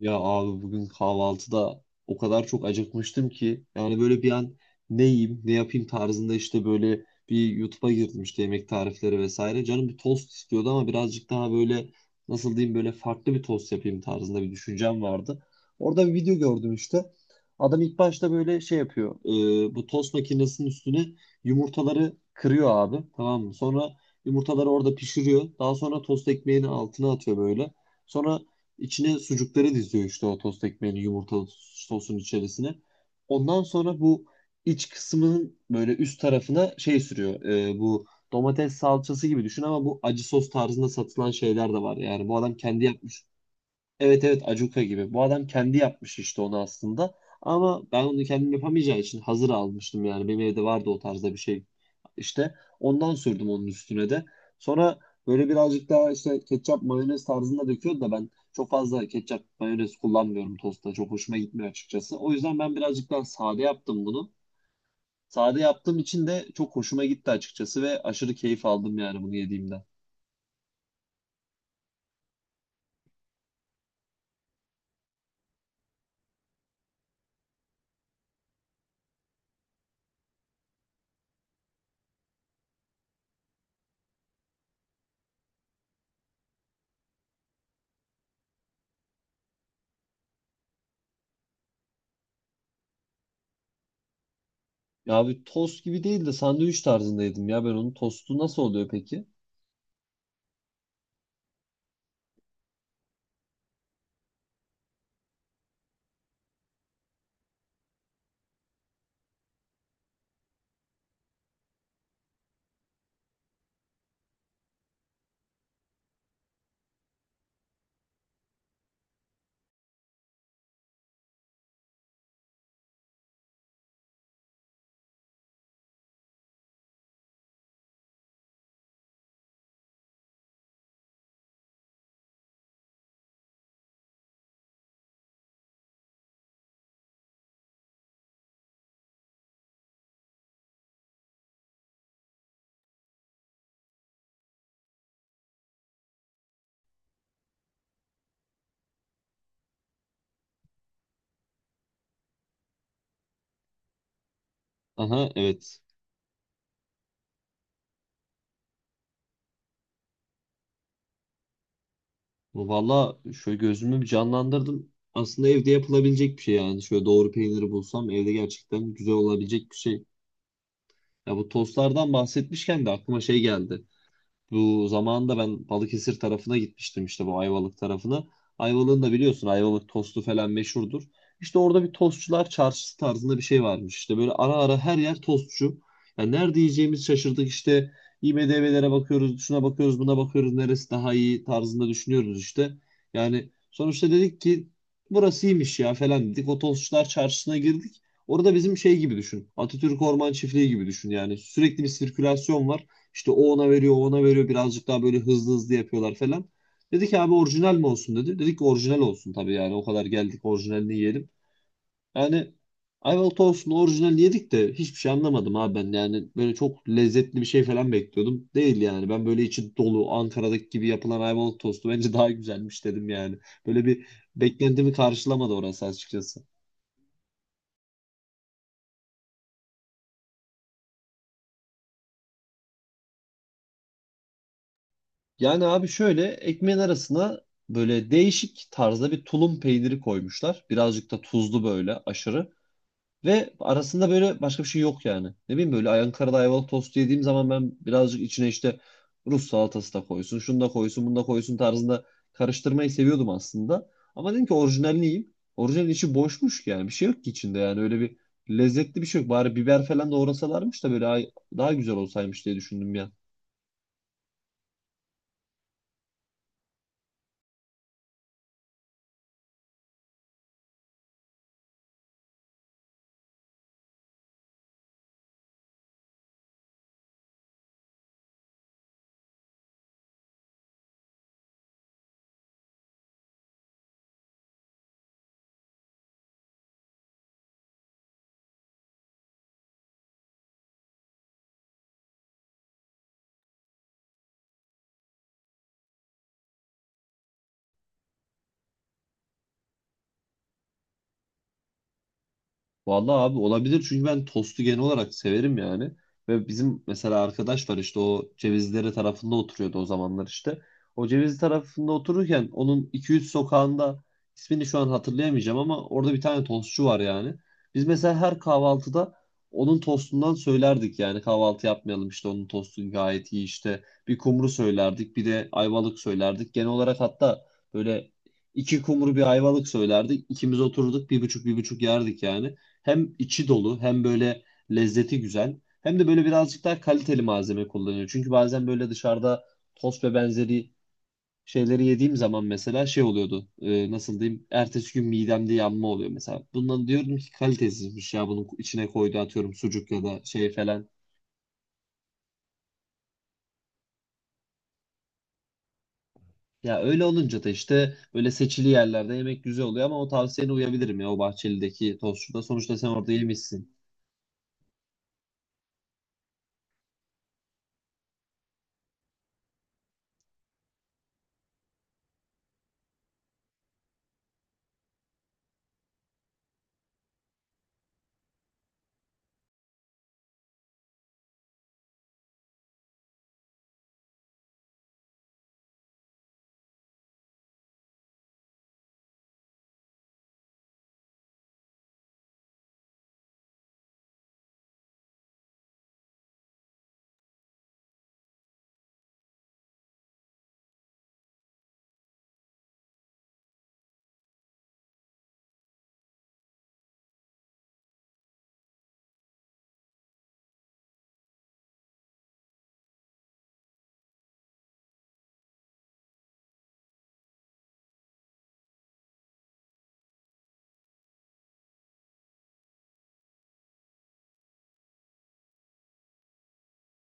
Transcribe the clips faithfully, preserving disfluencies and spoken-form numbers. Ya abi bugün kahvaltıda o kadar çok acıkmıştım ki yani böyle bir an ne yiyeyim ne yapayım tarzında işte böyle bir YouTube'a girdim işte yemek tarifleri vesaire. Canım bir tost istiyordu ama birazcık daha böyle nasıl diyeyim böyle farklı bir tost yapayım tarzında bir düşüncem vardı. Orada bir video gördüm işte. Adam ilk başta böyle şey yapıyor. E, bu tost makinesinin üstüne yumurtaları kırıyor abi, tamam mı? Sonra yumurtaları orada pişiriyor. Daha sonra tost ekmeğini altına atıyor böyle. Sonra İçine sucukları diziyor işte, o tost ekmeğini yumurtalı sosun içerisine. Ondan sonra bu iç kısmının böyle üst tarafına şey sürüyor. Ee, bu domates salçası gibi düşün ama bu acı sos tarzında satılan şeyler de var. Yani bu adam kendi yapmış. Evet, evet, Acuka gibi. Bu adam kendi yapmış işte onu aslında. Ama ben onu kendim yapamayacağı için hazır almıştım yani. Benim evde vardı o tarzda bir şey. İşte ondan sürdüm onun üstüne de. Sonra böyle birazcık daha işte ketçap mayonez tarzında döküyordu da, ben çok fazla ketçap mayonez kullanmıyorum tostta. Çok hoşuma gitmiyor açıkçası. O yüzden ben birazcık daha sade yaptım bunu. Sade yaptığım için de çok hoşuma gitti açıkçası ve aşırı keyif aldım yani bunu yediğimden. Ya bir tost gibi değil de sandviç tarzında yedim ya ben onu. Tostu nasıl oluyor peki? Aha, evet. Valla şöyle gözümü bir canlandırdım. Aslında evde yapılabilecek bir şey yani. Şöyle doğru peyniri bulsam evde gerçekten güzel olabilecek bir şey. Ya bu tostlardan bahsetmişken de aklıma şey geldi. Bu zamanında ben Balıkesir tarafına gitmiştim işte, bu Ayvalık tarafına. Ayvalık'ın da biliyorsun Ayvalık tostu falan meşhurdur. İşte orada bir tostçular çarşısı tarzında bir şey varmış. İşte böyle ara ara her yer tostçu. Yani nerede yiyeceğimiz şaşırdık işte. IMDb'lere bakıyoruz, şuna bakıyoruz, buna bakıyoruz. Neresi daha iyi tarzında düşünüyoruz işte. Yani sonuçta dedik ki burası iyiymiş ya falan, dedik. O tostçular çarşısına girdik. Orada bizim şey gibi düşün. Atatürk Orman Çiftliği gibi düşün yani. Sürekli bir sirkülasyon var. İşte o ona veriyor, o ona veriyor. Birazcık daha böyle hızlı hızlı yapıyorlar falan. Dedi ki abi orijinal mi olsun, dedi. Dedik ki orijinal olsun tabii, yani o kadar geldik orijinalini yiyelim. Yani Ayvalık olsun, orijinal yedik de hiçbir şey anlamadım abi ben. Yani böyle çok lezzetli bir şey falan bekliyordum. Değil yani, ben böyle içi dolu Ankara'daki gibi yapılan Ayvalık tostu bence daha güzelmiş, dedim yani. Böyle bir beklentimi karşılamadı orası açıkçası. Yani abi şöyle ekmeğin arasına böyle değişik tarzda bir tulum peyniri koymuşlar. Birazcık da tuzlu böyle, aşırı. Ve arasında böyle başka bir şey yok yani. Ne bileyim, böyle Ankara'da ayvalık tostu yediğim zaman ben birazcık içine işte Rus salatası da koysun, şunu da koysun, bunu da koysun tarzında karıştırmayı seviyordum aslında. Ama dedim ki orijinalini yiyeyim. Orijinalin içi boşmuş ki, yani bir şey yok ki içinde yani, öyle bir lezzetli bir şey yok. Bari biber falan doğrasalarmış da böyle ay- daha güzel olsaymış diye düşündüm ya. Vallahi abi olabilir, çünkü ben tostu genel olarak severim yani. Ve bizim mesela arkadaş var işte, o Cevizlere tarafında oturuyordu o zamanlar işte. O Cevizli tarafında otururken onun iki üç sokağında ismini şu an hatırlayamayacağım ama orada bir tane tostçu var yani. Biz mesela her kahvaltıda onun tostundan söylerdik yani, kahvaltı yapmayalım işte, onun tostu gayet iyi işte. Bir kumru söylerdik, bir de ayvalık söylerdik. Genel olarak hatta böyle iki kumru bir ayvalık söylerdik. İkimiz otururduk bir buçuk bir buçuk yerdik yani. Hem içi dolu hem böyle lezzeti güzel. Hem de böyle birazcık daha kaliteli malzeme kullanıyor. Çünkü bazen böyle dışarıda tost ve benzeri şeyleri yediğim zaman mesela şey oluyordu. E, nasıl diyeyim? Ertesi gün midemde yanma oluyor mesela. Bundan diyorum ki kalitesizmiş ya, bunun içine koydu atıyorum sucuk ya da şey falan. Ya öyle olunca da işte böyle seçili yerlerde yemek güzel oluyor, ama o tavsiyene uyabilirim ya, o Bahçeli'deki tostçuda. Sonuçta sen orada yemişsin.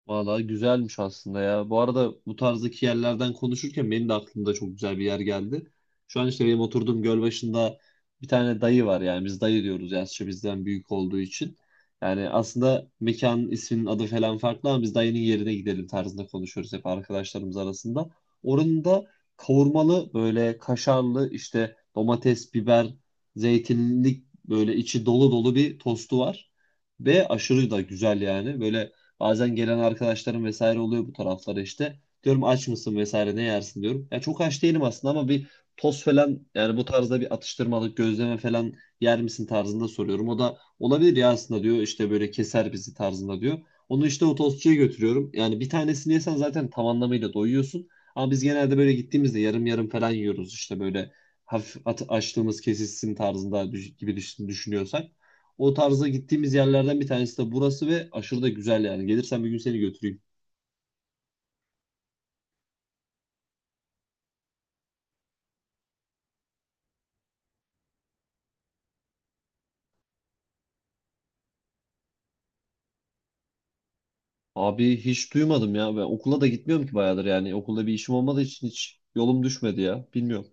Vallahi güzelmiş aslında ya. Bu arada bu tarzdaki yerlerden konuşurken benim de aklımda çok güzel bir yer geldi. Şu an işte benim oturduğum göl başında bir tane dayı var, yani biz dayı diyoruz yaşça bizden büyük olduğu için. Yani aslında mekanın isminin adı falan farklı ama biz dayının yerine gidelim tarzında konuşuyoruz hep arkadaşlarımız arasında. Oranın da kavurmalı böyle kaşarlı işte domates, biber, zeytinlik, böyle içi dolu dolu bir tostu var. Ve aşırı da güzel yani. Böyle bazen gelen arkadaşlarım vesaire oluyor bu taraflara işte. Diyorum aç mısın vesaire, ne yersin diyorum. Ya çok aç değilim aslında ama bir tost falan yani, bu tarzda bir atıştırmalık gözleme falan yer misin tarzında soruyorum. O da olabilir ya aslında, diyor işte, böyle keser bizi tarzında diyor. Onu işte o tostçuya götürüyorum. Yani bir tanesini yesen zaten tam anlamıyla doyuyorsun. Ama biz genelde böyle gittiğimizde yarım yarım falan yiyoruz işte, böyle hafif at- açtığımız kesilsin tarzında düş- gibi düş- düşünüyorsak. O tarza gittiğimiz yerlerden bir tanesi de burası ve aşırı da güzel yani. Gelirsen bir gün seni götüreyim. Abi hiç duymadım ya. Ben okula da gitmiyorum ki bayağıdır yani. Okulda bir işim olmadığı için hiç yolum düşmedi ya. Bilmiyorum.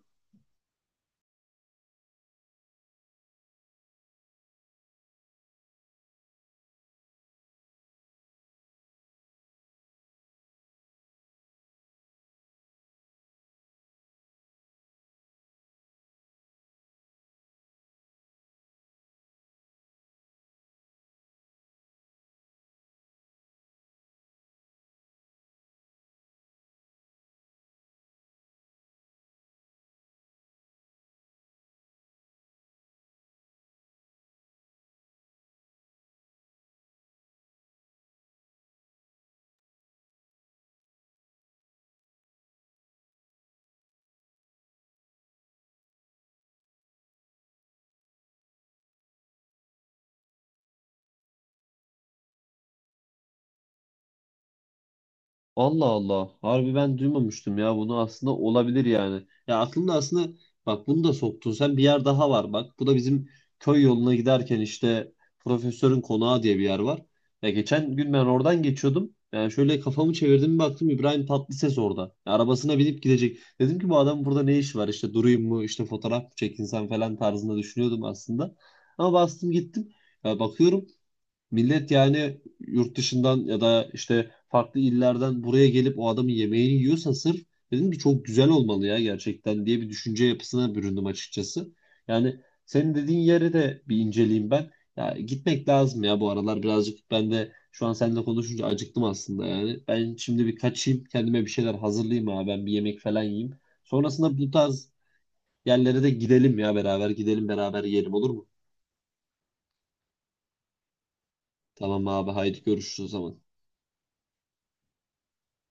Allah Allah. Harbi ben duymamıştım ya bunu, aslında olabilir yani. Ya aklımda aslında, bak bunu da soktun sen, bir yer daha var bak. Bu da bizim köy yoluna giderken işte profesörün konağı diye bir yer var. Ya geçen gün ben oradan geçiyordum. Yani şöyle kafamı çevirdim bir baktım, İbrahim Tatlıses orada. Ya arabasına binip gidecek. Dedim ki bu adam burada ne iş var işte, durayım mı işte, fotoğraf mı çekinsem falan tarzında düşünüyordum aslında. Ama bastım gittim. Ya bakıyorum millet yani yurt dışından ya da işte farklı illerden buraya gelip o adamın yemeğini yiyorsa sırf, dedim ki çok güzel olmalı ya gerçekten, diye bir düşünce yapısına büründüm açıkçası. Yani senin dediğin yere de bir inceleyeyim ben. Ya gitmek lazım ya, bu aralar birazcık ben de şu an seninle konuşunca acıktım aslında yani. Ben şimdi bir kaçayım, kendime bir şeyler hazırlayayım abi, ben bir yemek falan yiyeyim. Sonrasında bu tarz yerlere de gidelim ya, beraber gidelim beraber yiyelim, olur mu? Tamam abi, haydi görüşürüz o zaman.